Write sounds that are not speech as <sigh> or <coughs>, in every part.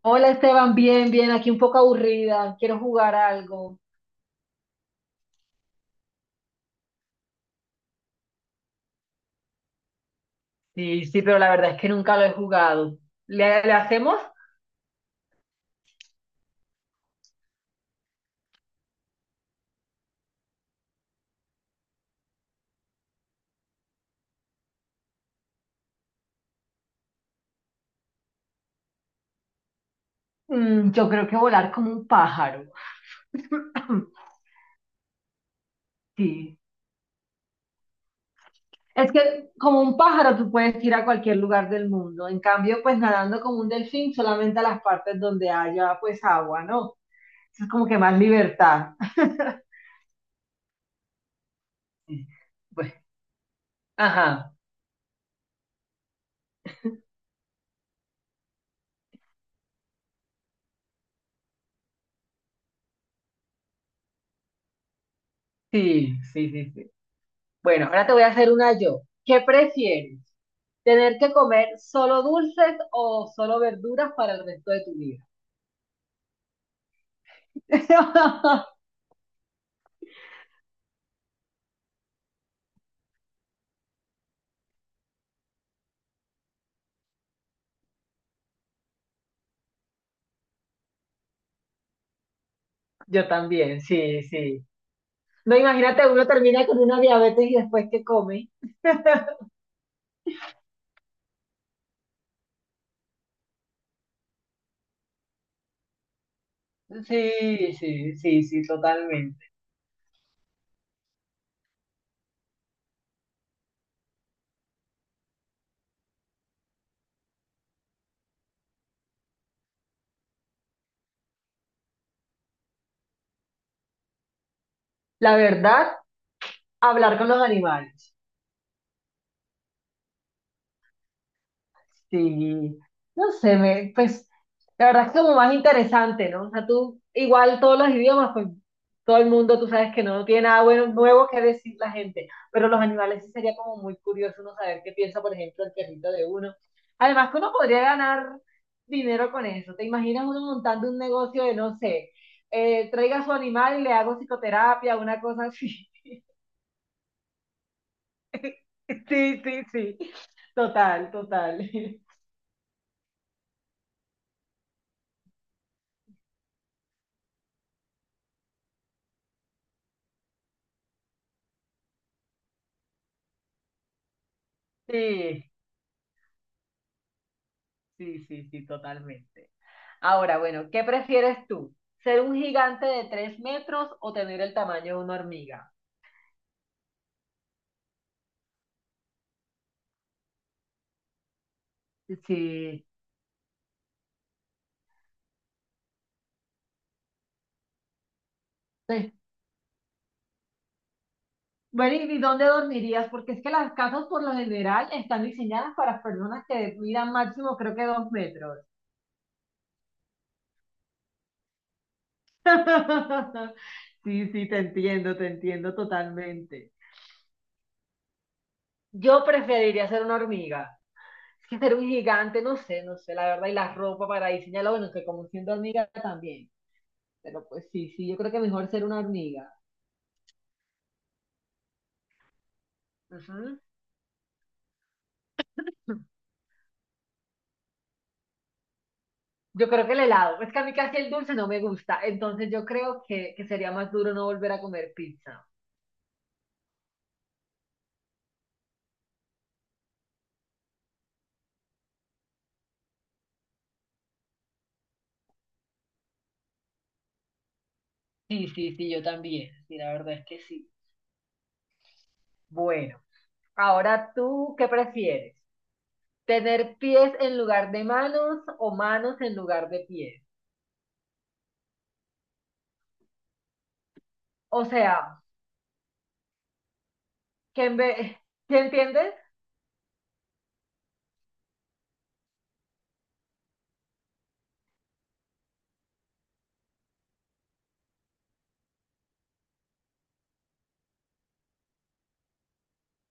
Hola Esteban, bien, bien, aquí un poco aburrida, quiero jugar algo. Sí, sí, pero la verdad es que nunca lo he jugado. ¿Le hacemos? Mm, yo creo que volar como un pájaro. <coughs> <clears throat> Sí, es que como un pájaro tú puedes ir a cualquier lugar del mundo, en cambio pues nadando como un delfín solamente a las partes donde haya pues agua, ¿no? Eso es como que más libertad. <laughs> Sí. Bueno, ajá, sí, sí, sí, sí. Bueno, ahora te voy a hacer una yo. ¿Qué prefieres? ¿Tener que comer solo dulces o solo verduras para el resto de tu vida? <laughs> Yo también, sí, sí. No, imagínate, uno termina con una diabetes y después que come. Sí, sí, sí, sí, totalmente. La verdad, hablar con los animales. Sí, no sé, me, pues la verdad es como más interesante, ¿no? O sea, tú, igual todos los idiomas, pues todo el mundo, tú sabes que no tiene nada bueno, nuevo que decir la gente, pero los animales sí sería como muy curioso uno saber qué piensa, por ejemplo, el perrito de uno. Además que uno podría ganar dinero con eso. ¿Te imaginas uno montando un negocio de, no sé, traiga su animal y le hago psicoterapia, una cosa así? <laughs> Sí, sí, sí. Total, total. <laughs> Sí. Sí, sí, sí, totalmente. Ahora, bueno, ¿qué prefieres tú? ¿Ser un gigante de 3 metros o tener el tamaño de una hormiga? Sí. Sí. Bueno, ¿y dónde dormirías? Porque es que las casas por lo general están diseñadas para personas que midan máximo creo que 2 metros. <laughs> Sí, sí, te entiendo totalmente. Yo preferiría ser una hormiga. Es que ser un gigante, no sé, no sé, la verdad, y la ropa para diseñarlo, bueno, que como siendo hormiga también. Pero pues sí, sí, yo creo que mejor ser una hormiga. Ujú. Yo creo que el helado. Es que a mí casi el dulce no me gusta. Entonces yo creo que sería más duro no volver a comer pizza. Sí, sí, sí, yo también. Sí, la verdad es que sí. Bueno, ahora tú, ¿qué prefieres? ¿Tener pies en lugar de manos o manos en lugar de pies? O sea, qué en vez... ¿Sí entiendes?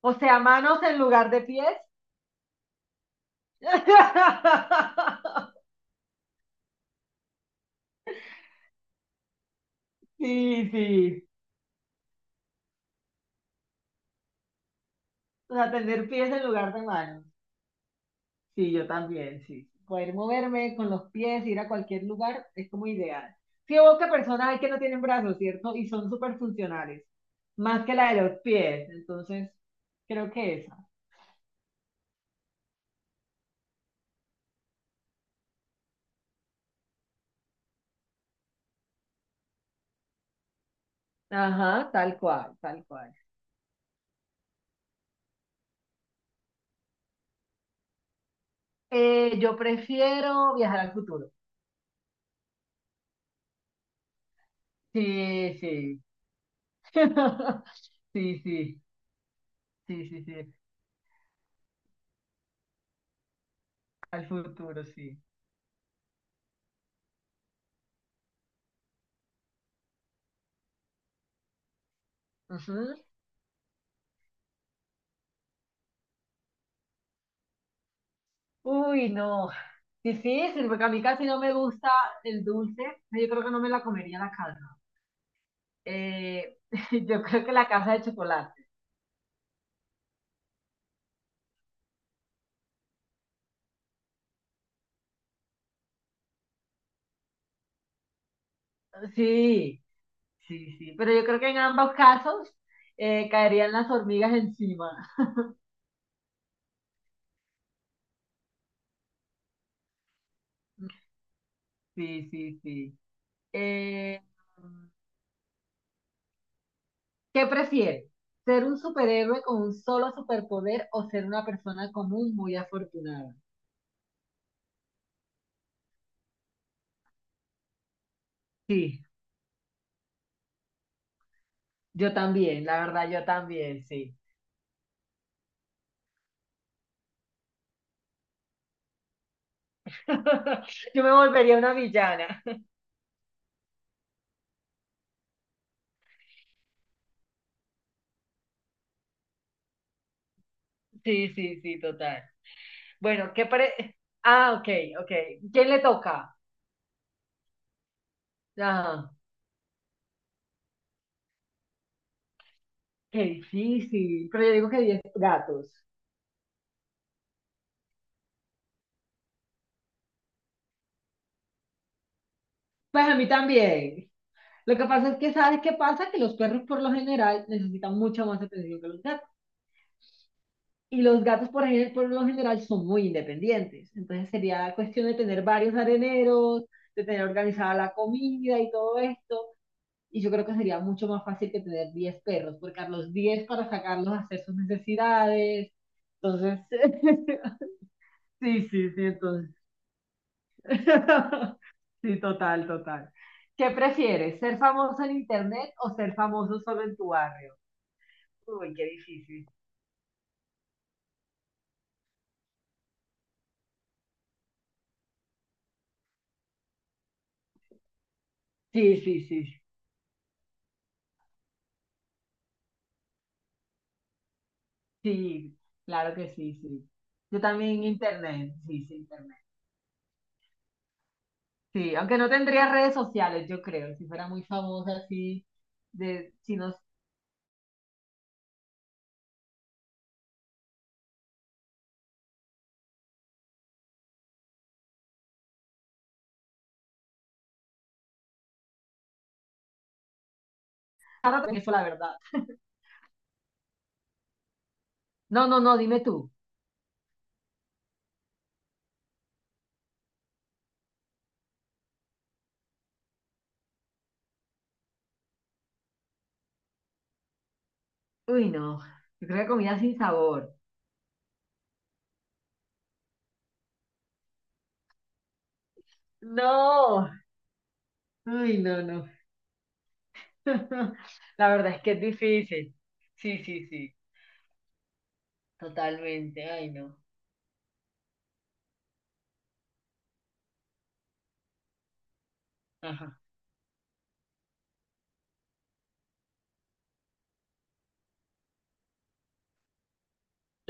O sea, manos en lugar de pies. <laughs> Sí, sí. O sea, tener pies en lugar de manos. Sí, yo también, sí. Poder moverme con los pies, ir a cualquier lugar, es como ideal. Sí, o que personas hay que no tienen brazos, ¿cierto? Y son súper funcionales, más que la de los pies. Entonces, creo que esa. Ajá, tal cual, tal cual. Yo prefiero viajar al futuro. Sí, sí. <laughs> Sí, sí, sí, sí, sí. Al futuro, sí. Ujú. Uy, no. Difícil, porque a mí casi no me gusta el dulce. Yo creo que no me la comería la calma. Eh, <laughs> yo creo que la casa de chocolate. Sí, sí, sí. Pero yo creo que en ambos casos caerían las hormigas encima. <laughs> Sí, sí, sí. Eh, ¿Qué prefieres? ¿Ser un superhéroe con un solo superpoder o ser una persona común muy afortunada? Sí, yo también, la verdad, yo también, sí. <laughs> Yo me volvería una villana. <laughs> Sí, sí, sí, total. Bueno, ¿qué pare... Ah, ok, ok. ¿Quién le toca? Ah, qué difícil. Pero yo digo que 10 gatos. Pues a mí también. Lo que pasa es que, ¿sabes qué pasa? Que los perros por lo general necesitan mucha más atención que los gatos. Y los gatos por, por lo general son muy independientes. Entonces sería cuestión de tener varios areneros, de tener organizada la comida y todo esto. Y yo creo que sería mucho más fácil que tener 10 perros, porque a los 10 para sacarlos a hacer sus necesidades. Entonces, <laughs> sí, sí, sí, entonces <laughs> Sí, total, total. ¿Qué prefieres, ser famoso en internet o ser famoso solo en tu barrio? Uy, qué difícil. Sí, sí, sí, sí, claro que sí, sí. Yo también internet, sí, sí, internet. Sí, aunque no tendría redes sociales, yo creo, si fuera muy famosa así, de, si no, ahora también eso la verdad. No, no, no, dime tú. Uy, no, yo creo que comida sin sabor. No, uy, no, no. <laughs> La verdad es que es difícil. Sí, sí, sí, totalmente. Ay, no. Ajá.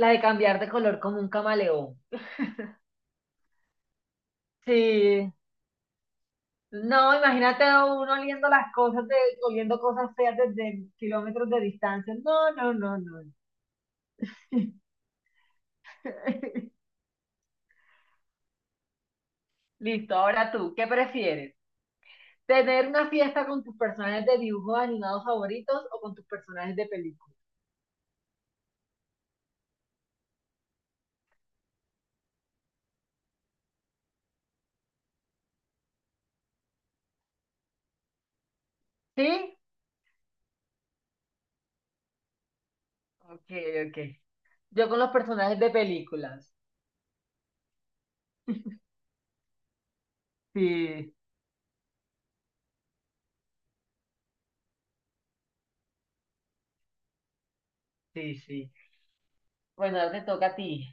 La de cambiar de color como un camaleón. Sí. No, imagínate uno oliendo las cosas, de, oliendo cosas feas desde kilómetros de distancia. No, no, no, no. <laughs> Listo, ahora tú, ¿qué prefieres? ¿Tener una fiesta con tus personajes de dibujos animados favoritos o con tus personajes de películas? ¿Sí? Ok, ok. Yo con los personajes de películas. Sí, sí, sí. Bueno, ahora te toca a ti.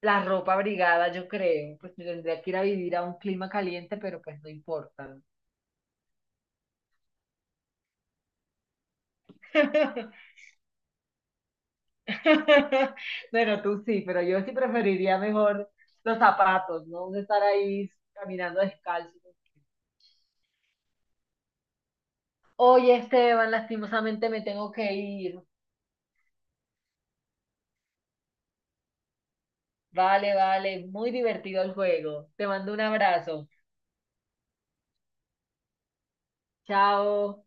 La ropa abrigada, yo creo. Pues me tendría que ir a vivir a un clima caliente, pero pues no importa. <laughs> Bueno, tú sí, pero yo sí preferiría mejor los zapatos, ¿no? De estar ahí caminando descalzo. Oye, Esteban, lastimosamente me tengo que ir. Vale, vale, muy divertido el juego. Te mando un abrazo. Chao.